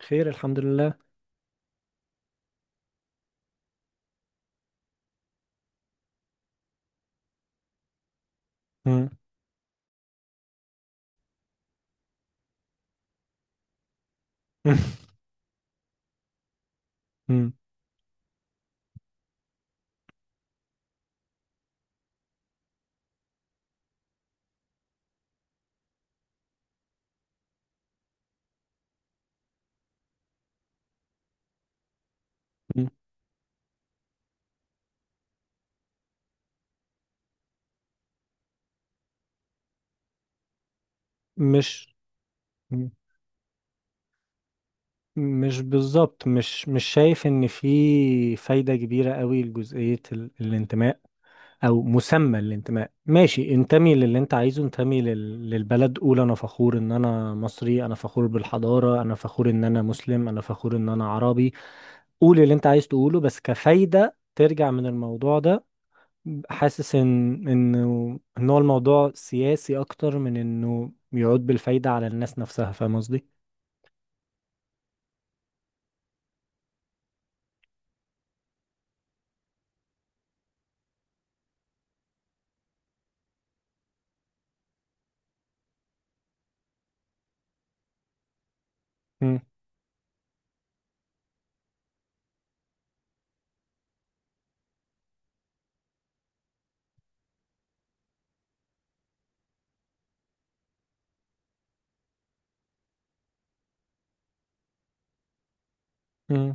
خير، الحمد لله. مم. مم. مم. مش مم. مش بالظبط، مش شايف ان في فايدة كبيرة قوي لجزئية الانتماء او مسمى الانتماء. ماشي، انتمي للي انت عايزه، انتمي للبلد. قول انا فخور ان انا مصري، انا فخور بالحضارة، انا فخور ان انا مسلم، انا فخور ان انا عربي. قول اللي انت عايز تقوله، بس كفايدة ترجع من الموضوع ده. حاسس ان انه ان هو الموضوع سياسي اكتر من انه يعود بالفايدة على الناس نفسها. فاهم قصدي؟ مم. مم.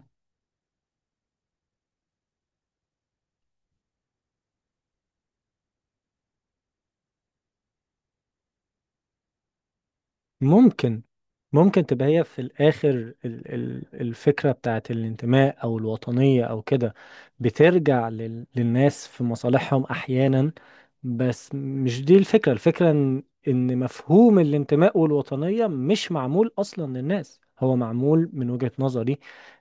ممكن ممكن تبقى هي في الآخر الفكرة بتاعت الانتماء أو الوطنية أو كده، بترجع للناس في مصالحهم أحيانا. بس مش دي الفكرة. الفكرة إن مفهوم الانتماء والوطنية مش معمول أصلا للناس. هو معمول من وجهة نظري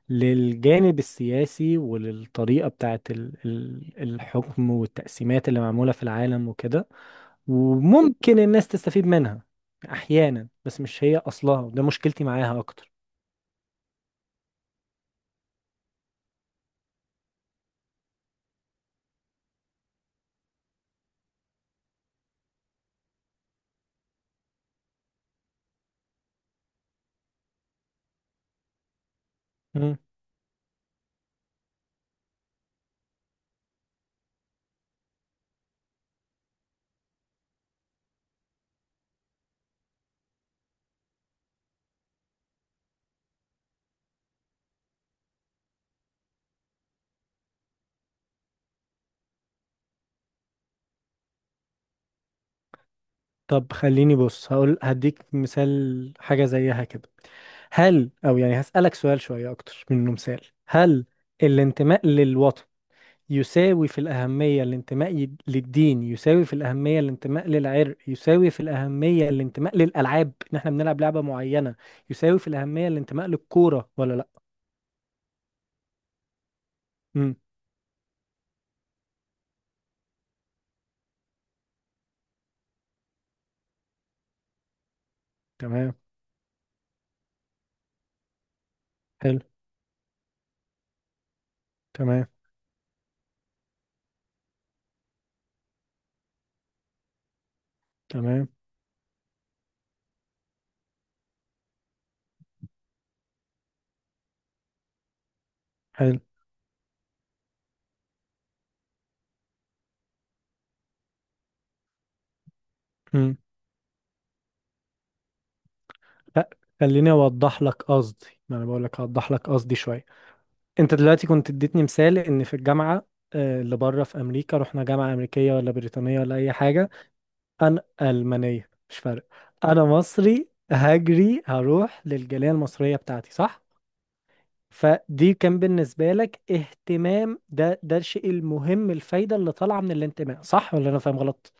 للجانب السياسي وللطريقة بتاعت الحكم والتقسيمات اللي معمولة في العالم وكده. وممكن الناس تستفيد منها احيانا، بس مش هي اصلها، وده مشكلتي معاها اكتر. مم. طب خليني بص، هقول هديك مثال حاجة زيها كده. هل او يعني هسألك سؤال شوية اكتر منه مثال. هل الانتماء للوطن يساوي في الأهمية الانتماء للدين، يساوي في الأهمية الانتماء للعرق، يساوي في الأهمية الانتماء للألعاب إن إحنا بنلعب لعبة معينة، يساوي في الأهمية الانتماء للكورة ولا لأ؟ امم. تمام. حلو. تمام. تمام. حلو. امم. لا، خليني اوضح لك قصدي، ما انا بقول لك هوضح لك قصدي شويه. انت دلوقتي كنت اديتني مثال ان في الجامعه اللي بره في امريكا، رحنا جامعه امريكيه ولا بريطانيه ولا اي حاجه. انا المانيه، مش فارق. انا مصري هجري هروح للجاليه المصريه بتاعتي، صح؟ فدي كان بالنسبه لك اهتمام. ده الشيء المهم، الفايده اللي طالعه من الانتماء، صح ولا انا فاهم غلط؟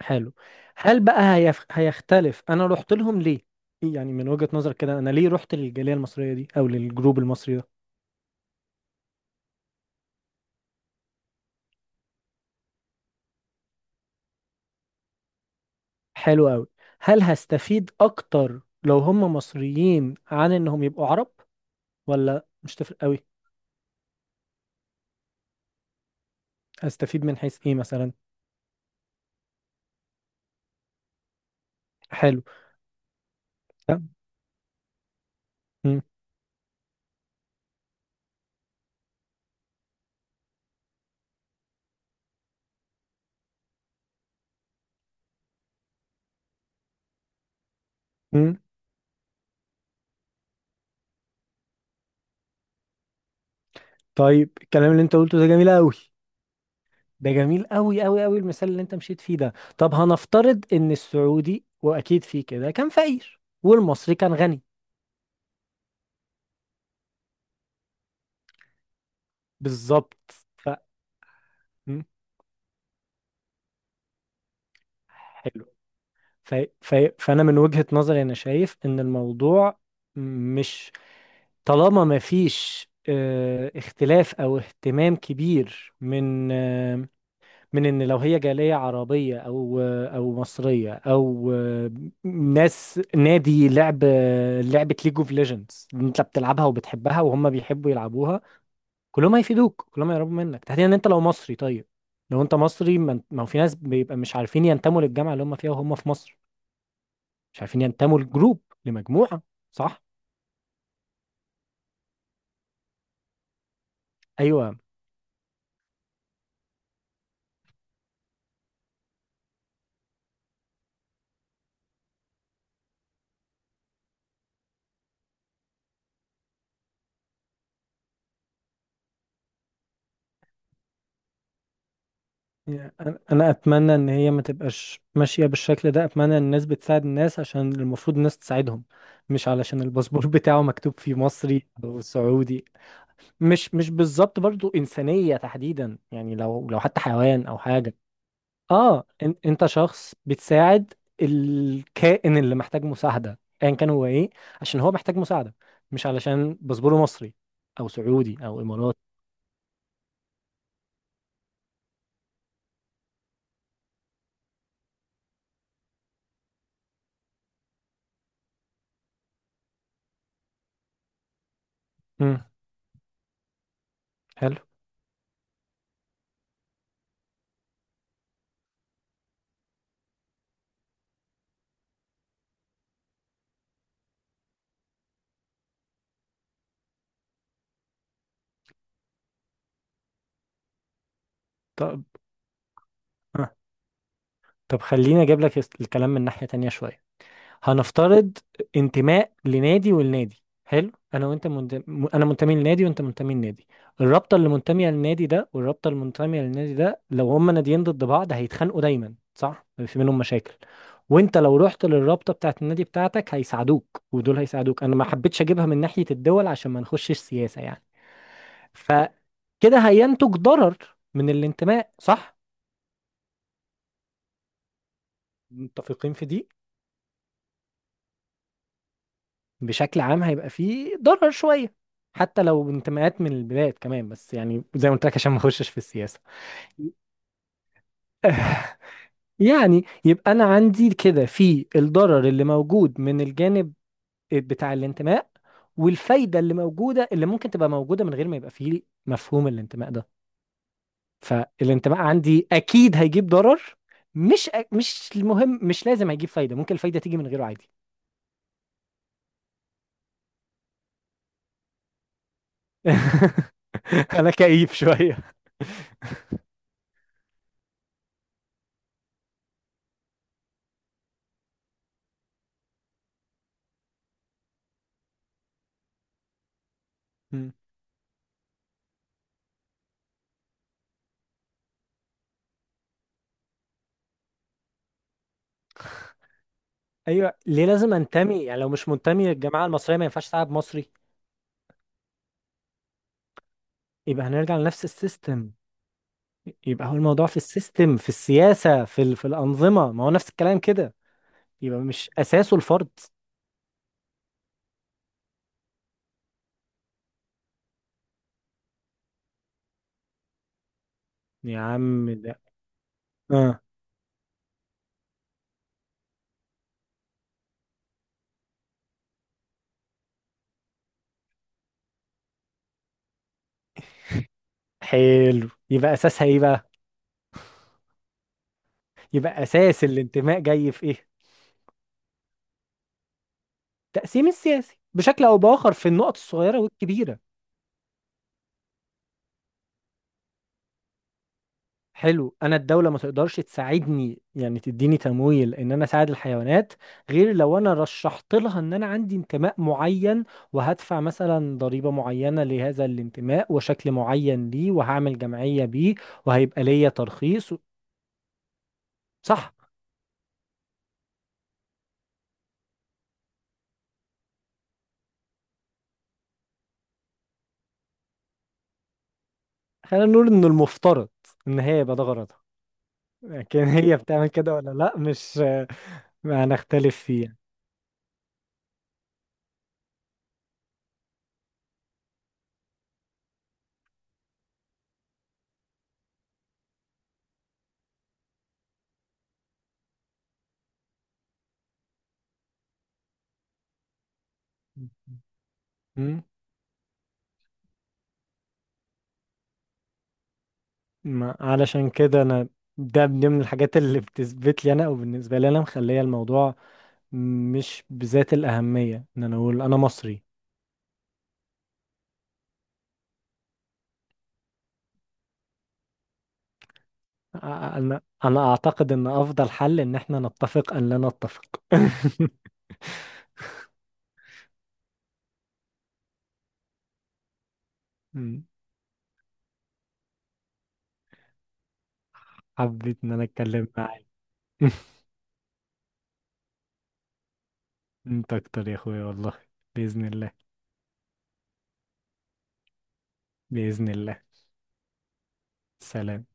حلو. هل بقى هيختلف انا رحت لهم ليه؟ يعني من وجهة نظرك كده، انا ليه رحت للجالية المصرية دي او للجروب المصري ده؟ حلو قوي. هل هستفيد اكتر لو هم مصريين عن انهم يبقوا عرب، ولا مش تفرق قوي؟ هستفيد من حيث ايه مثلا؟ حلو. تمام. مم. مم. طيب، الكلام اللي انت قلته ده جميل قوي. ده جميل قوي قوي قوي، المثال اللي انت مشيت فيه ده. طب هنفترض ان السعودي، واكيد فيه كده، كان فقير والمصري كان غني. بالظبط. ف حلو. ف... فأنا من وجهة نظري أنا شايف إن الموضوع مش، طالما ما فيش اختلاف أو اهتمام كبير من إن لو هي جالية عربية أو مصرية أو آه، ناس نادي لعب لعبة ليج اوف ليجندز أنت بتلعبها وبتحبها وهم بيحبوا يلعبوها، كلهم هيفيدوك، كلهم هيقربوا منك تحديدا. أنت لو مصري، طيب، لو أنت مصري، ما هو في ناس بيبقى مش عارفين ينتموا للجامعة اللي هم فيها وهم في مصر، مش عارفين ينتموا لمجموعة، صح؟ ايوه، يعني أنا أتمنى إن هي ما تبقاش ماشية بالشكل ده. أتمنى إن الناس بتساعد الناس عشان المفروض الناس تساعدهم، مش علشان الباسبور بتاعه مكتوب فيه مصري أو سعودي. مش بالظبط، برضو إنسانية تحديدا، يعني لو حتى حيوان أو حاجة. آه، إن أنت شخص بتساعد الكائن اللي محتاج مساعدة أيا كان هو إيه، عشان هو محتاج مساعدة، مش علشان باسبوره مصري أو سعودي أو إماراتي. مم. حلو. طب آه. طب خليني اجيب لك الكلام من ناحية تانية شوية. هنفترض انتماء لنادي، والنادي حلو. انا منتمي لنادي وانت منتمي لنادي. الرابطة اللي منتمية للنادي ده والرابطة اللي منتمية للنادي ده، لو هما ناديين ضد بعض هيتخانقوا دايما، صح، في منهم مشاكل. وانت لو رحت للرابطة بتاعت النادي بتاعتك هيساعدوك، ودول هيساعدوك. انا ما حبيتش اجيبها من ناحية الدول عشان ما نخشش سياسة يعني. فكده هينتج ضرر من الانتماء، صح؟ متفقين في دي. بشكل عام هيبقى فيه ضرر شوية، حتى لو انتماءات من البلاد كمان، بس يعني زي ما قلت لك عشان ما اخشش في السياسة. يعني يبقى انا عندي كده في الضرر اللي موجود من الجانب بتاع الانتماء، والفايدة اللي موجودة، اللي ممكن تبقى موجودة من غير ما يبقى فيه مفهوم الانتماء ده. فالانتماء عندي اكيد هيجيب ضرر. مش المهم، مش لازم هيجيب فايدة، ممكن الفايدة تيجي من غيره عادي. انا كئيب شوية. ايوه، ليه لازم انتمي؟ يعني لو مش منتمي للجماعه المصريه ما ينفعش تلعب مصري؟ يبقى هنرجع لنفس السيستم. يبقى هو الموضوع في السيستم، في السياسه، في الانظمه. ما هو نفس الكلام كده. يبقى مش اساسه الفرد. يا عم ده، اه. حلو، يبقى اساسها ايه بقى؟ يبقى اساس الانتماء جاي في ايه؟ التقسيم السياسي بشكل او باخر في النقط الصغيره والكبيره. حلو. انا الدوله ما تقدرش تساعدني، يعني تديني تمويل ان انا اساعد الحيوانات، غير لو انا رشحت لها ان انا عندي انتماء معين، وهدفع مثلا ضريبه معينه لهذا الانتماء وشكل معين ليه، وهعمل جمعيه بيه، وهيبقى ليا ترخيص و-. صح. خلينا نقول ان المفترض ان هي يبقى ده غرضها. لكن هي بتعمل كده ولا لا؟ مش ما هنختلف فيه يعني. مم. ما علشان كده انا، ده من ضمن الحاجات اللي بتثبت لي انا او بالنسبه لي انا، مخليه الموضوع مش بذات الأهمية إن أنا أقول أنا مصري. أنا أعتقد إن أفضل حل إن إحنا نتفق أن لا نتفق. مم. حبيت إن أنا أتكلم معاك. أنت أكتر يا أخويا والله. بإذن الله. بإذن الله. سلام.